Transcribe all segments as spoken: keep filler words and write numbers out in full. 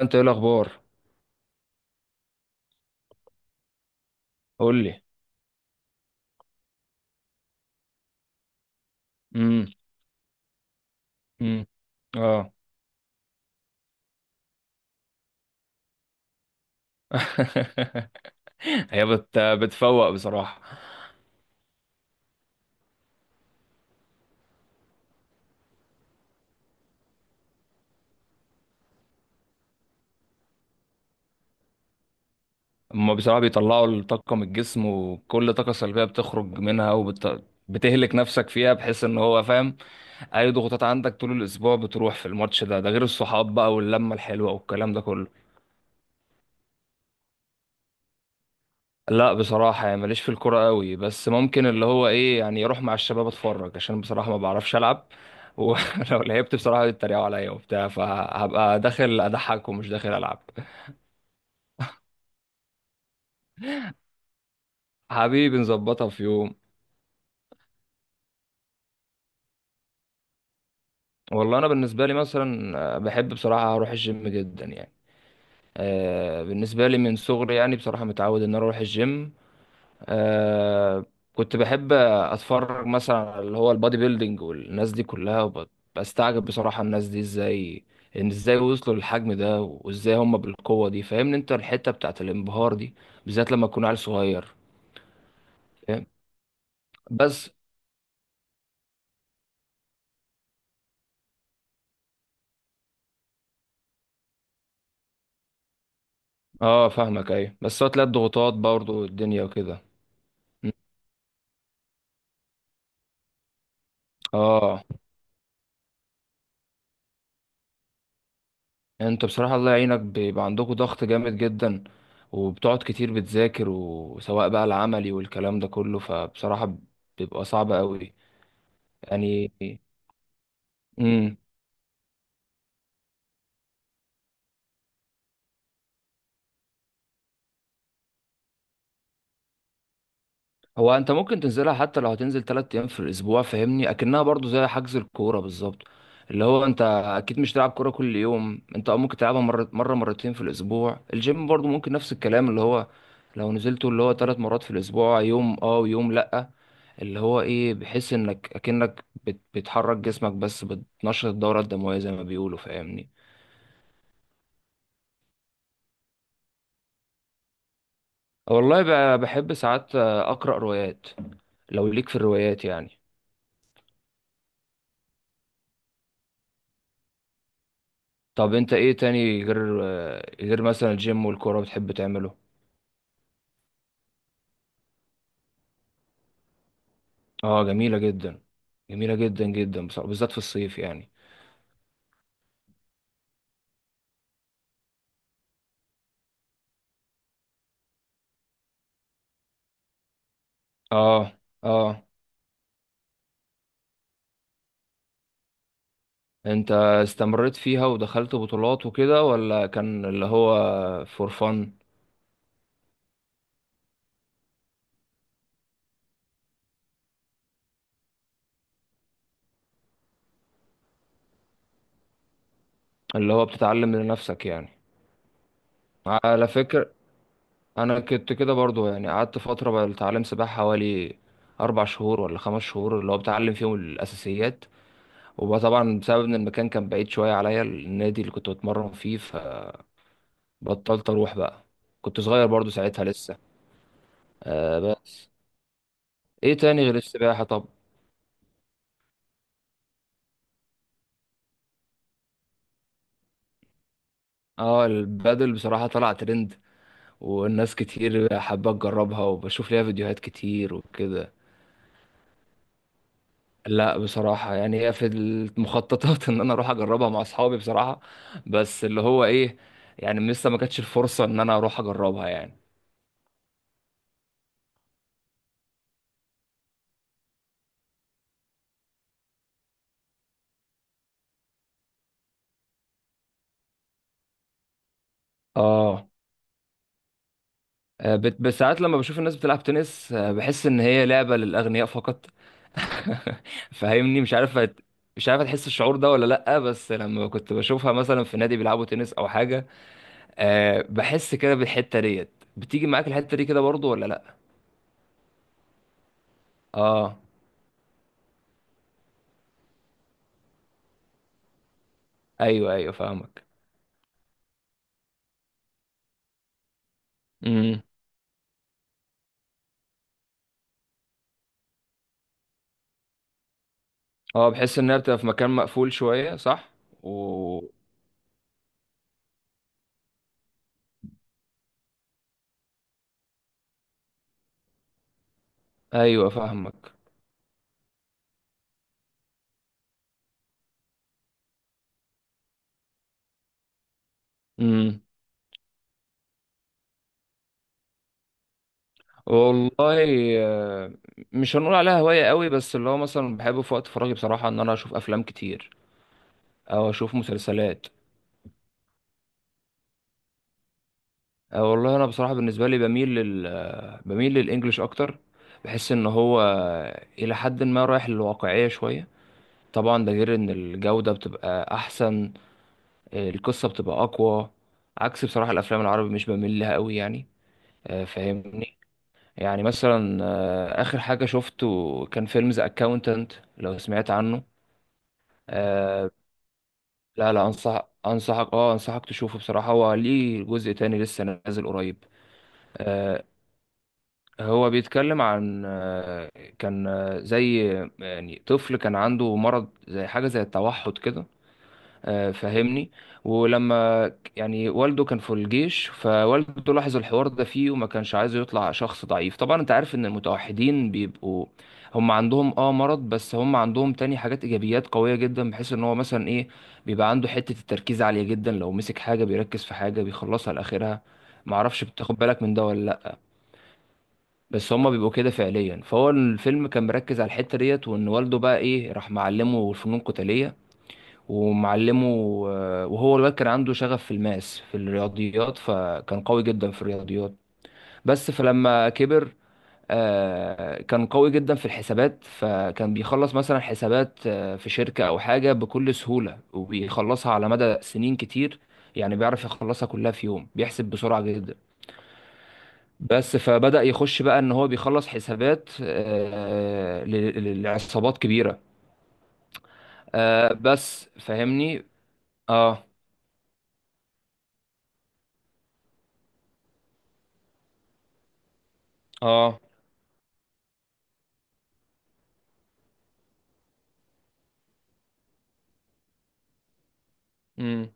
انت ايه الاخبار؟ قول لي. امم. امم. اه. هي بت... بتفوق بصراحه. هما بصراحه بيطلعوا الطاقه من الجسم، وكل طاقه سلبيه بتخرج منها وبت... بتهلك نفسك فيها، بحيث ان هو فاهم اي ضغوطات عندك طول الاسبوع، بتروح في الماتش ده، ده غير الصحاب بقى واللمه الحلوه والكلام ده كله. لا بصراحة، يعني ماليش في الكورة قوي، بس ممكن اللي هو ايه، يعني اروح مع الشباب اتفرج، عشان بصراحة ما بعرفش العب. ولو لعبت بصراحة يتريقوا عليا وبتاع، فهبقى داخل اضحك ومش داخل العب. حبيبي، نظبطها في يوم. والله انا بالنسبة لي مثلا آه، بحب بصراحة اروح الجيم جدا يعني. آه، بالنسبة لي من صغري يعني بصراحة متعود ان أنا اروح الجيم. آه. كنت بحب اتفرج مثلا على اللي هو البادي بيلدينج والناس دي كلها وب- بستعجب بصراحة الناس دي ازاي، ان ازاي وصلوا للحجم ده وازاي هم بالقوة دي، فاهمني انت الحتة بتاعت الانبهار دي، بالذات لما تكون عيل صغير. فاهم. بس اه، فاهمك. ايوه، بس هو تلاقي الضغوطات برضه الدنيا وكده. م. اه، يعني انت بصراحة الله يعينك، بيبقى عندكم ضغط جامد جدا، وبتقعد كتير بتذاكر، وسواء بقى العملي والكلام ده كله، فبصراحة بيبقى صعب قوي يعني. امم. هو انت ممكن تنزلها حتى لو هتنزل ثلاث ايام في الاسبوع، فاهمني اكنها برضو زي حجز الكوره بالظبط، اللي هو انت اكيد مش تلعب كوره كل يوم، انت أه ممكن تلعبها مره، مره مرتين في الاسبوع. الجيم برضو ممكن نفس الكلام، اللي هو لو نزلته اللي هو ثلاث مرات في الاسبوع، يوم اه ويوم لا، اللي هو ايه، بحيث انك اكنك بت- بتحرك جسمك، بس بتنشط الدوره الدمويه زي ما بيقولوا، فاهمني. والله، ب- بحب ساعات آه، اقرا روايات، لو ليك في الروايات يعني. طب انت ايه تاني، غير آه، غير مثلا الجيم والكورة، بتحب تعمله؟ اه، جميلة جدا. جميلة جدا جدا. بص- بالذات في الصيف يعني. اه. اه، انت استمريت فيها ودخلت بطولات وكده، ولا كان اللي هو فور فن؟ اللي هو بتتعلم لنفسك يعني. على فكرة، انا كنت كده برضو، يعني قعدت فترة بتعلم سباحة حوالي اربع شهور ولا خمس شهور، اللي هو بتعلم فيهم الاساسيات، وطبعا بسبب ان المكان كان بعيد شويه عليا، النادي اللي كنت بتمرن فيه، بطلت اروح بقى. كنت صغير برضو ساعتها لسه. آه. بس ايه تاني غير السباحة طب؟ اه، البادل بصراحة طلع ترند، والناس كتير حابة تجربها، وبشوف ليها فيديوهات كتير وكده. لا بصراحة، يعني هي في المخططات ان انا اروح اجربها مع اصحابي بصراحة، بس اللي هو ايه، يعني لسه ما كانتش الفرصة ان انا اروح اجربها يعني. اه، آه، بت- بس ساعات لما بشوف الناس بتلعب تنس، آه، بحس ان هي لعبة للأغنياء فقط. فاهمني، مش عارف هت... مش عارف هتحس الشعور ده ولا لأ، بس لما كنت بشوفها مثلا في نادي بيلعبوا تنس او حاجة، أه، بحس كده بالحتة ديت. بتيجي معاك الحتة دي كده برضو ولا لأ؟ اه، ايوه، ايوه، فاهمك. امم. اه، بحس انها بتبقى في مكان مقفول شوية، صح؟ و... ايوه، فاهمك. مم. والله، آه، مش هنقول عليها هواية قوي، بس اللي هو مثلا بحب في وقت فراغي بصراحة ان انا اشوف افلام كتير، او اشوف مسلسلات. أو والله انا بصراحة بالنسبة لي، بميل لل آه، بميل للانجليش اكتر. بحس ان هو الى حد ما رايح للواقعية شوية، طبعا ده غير ان الجودة بتبقى احسن، آه، القصة بتبقى اقوى، عكس بصراحة الافلام العربي مش بميل لها قوي يعني. آه، فاهمني. يعني مثلا آه، اخر حاجة شفته كان فيلم ذا اكاونتنت، لو سمعت عنه. آه. لا، لا، انصح انصحك اه انصحك تشوفه بصراحة، هو ليه جزء تاني لسه نازل قريب. آه هو بيتكلم عن. آه كان آه، زي يعني طفل كان عنده مرض، زي حاجة زي التوحد كده. آه، فاهمني. ولما ك- يعني والده كان في الجيش، فوالده لاحظ الحوار ده فيه، وما كانش عايزه يطلع شخص ضعيف. طبعا انت عارف ان المتوحدين بيبقوا، هم عندهم اه مرض، بس هم عندهم تاني حاجات ايجابيات قوية جدا، بحيث ان هو مثلا ايه، بيبقى عنده حتة التركيز عالية جدا، لو مسك حاجة بيركز في حاجة بيخلصها لاخرها. معرفش بتاخد بالك من ده ولا لا. بس هما بيبقوا كده فعليا، فهو الفيلم كان مركز على الحتة ديت، وان والده بقى ايه راح معلمه فنون قتالية ومعلمه، آه، وهو الواد كان عنده شغف في الماس في الرياضيات، فكان قوي جدا في الرياضيات. بس فلما كبر، آه، كان قوي جدا في الحسابات، فكان بيخلص مثلا حسابات آه، في شركة أو حاجة بكل سهولة، وبيخلصها على مدى سنين كتير، يعني بيعرف يخلصها كلها في يوم، بيحسب بسرعة جدا. بس فبدأ يخش بقى إن هو بيخلص حسابات، آه، ل- لعصابات كبيرة. آه، بس فاهمني. اه. اه. مم.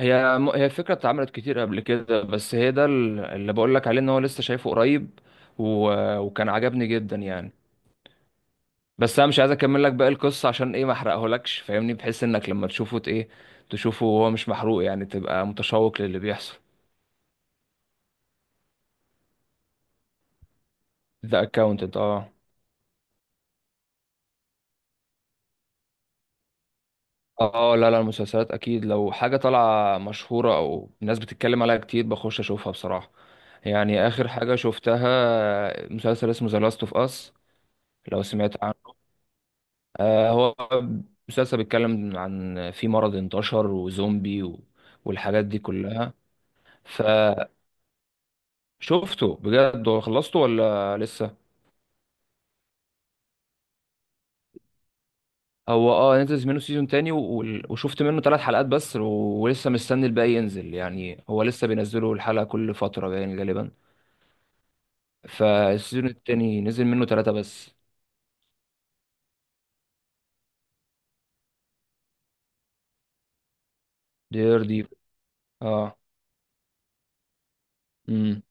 هي م- هي الفكرة اتعملت كتير قبل كده، بس هي ده ال- اللي بقول لك عليه، ان هو لسه شايفه قريب، و... وكان عجبني جدا يعني. بس انا مش عايز اكمل لك باقي القصة، عشان ايه ما احرقهولكش، فاهمني، بحيث انك لما تشوفه ت- ايه تشوفه وهو مش محروق، يعني تبقى متشوق للي بيحصل. ذا اكاونتنت، اه. اه، لا، لا، المسلسلات اكيد لو حاجة طالعة مشهورة او الناس بتتكلم عليها كتير بخش اشوفها بصراحة. يعني اخر حاجة شفتها مسلسل اسمه ذا لاست اوف اس، لو سمعت عنه. آه، هو مسلسل بيتكلم عن في مرض انتشر وزومبي، و... والحاجات دي كلها. فشفته بجد، هو خلصته ولا لسه؟ هو اه نزل منه سيزون تاني، و... وشفت منه ثلاث حلقات بس، و... ولسه مستني الباقي ينزل، يعني هو لسه بينزلوا الحلقة كل فترة يعني غالبا. فالسيزون التاني نزل منه ثلاثة بس. دير دي اه. امم.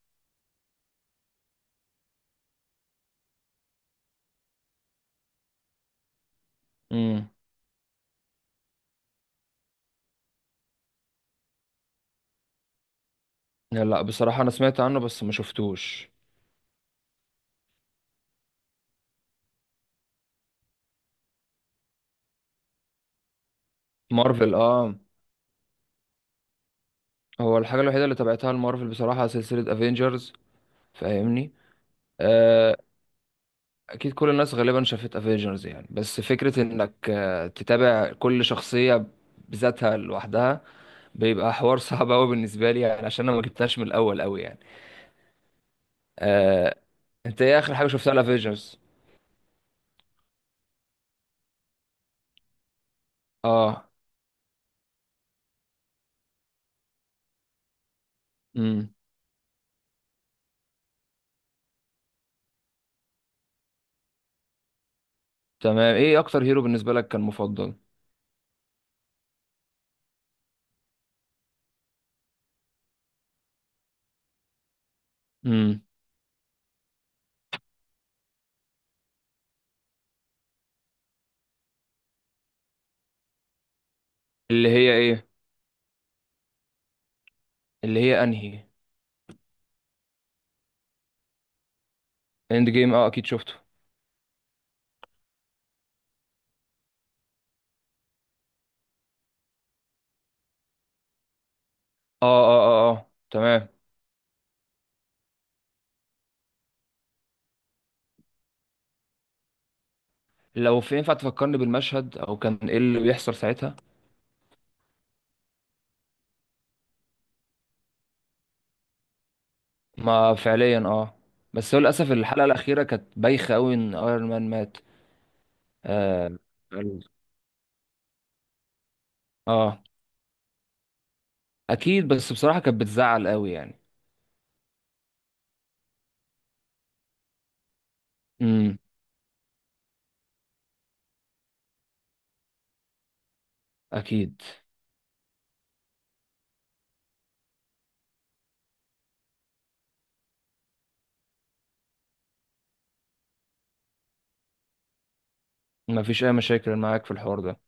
امم. لا، لا، بصراحة انا سمعت عنه بس ما شفتوش. مارفل، اه. هو الحاجة الوحيدة اللي تابعتها لمارفل بصراحة سلسلة افنجرز، فاهمني. آه، اكيد كل الناس غالبا شافت افنجرز يعني، بس فكرة انك آه، تتابع كل شخصية بذاتها لوحدها، بيبقى حوار صعب قوي بالنسبة لي يعني، عشان انا ما جبتهاش من الاول قوي يعني. آه، انت ايه اخر حاجة شفتها الافنجرز؟ اه. امم. تمام، ايه اكتر هيرو بالنسبة لك كان مفضل؟ امم. اللي هي ايه اللي هي انهي؟ اند جيم، اه، اكيد شفته. اه، اه، اه، اه، تمام. لو في ينفع تفكرني بالمشهد، او كان ايه اللي بيحصل ساعتها. ما فعليا، اه. بس هو للاسف الحلقه الاخيره كانت بايخه قوي ان ايرون مان مات. آه. ال- اه، اكيد. بس بصراحه كانت بتزعل قوي يعني. امم. اكيد. ما فيش اي مشاكل معاك في الحوار ده.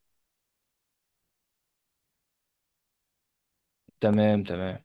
تمام، تمام.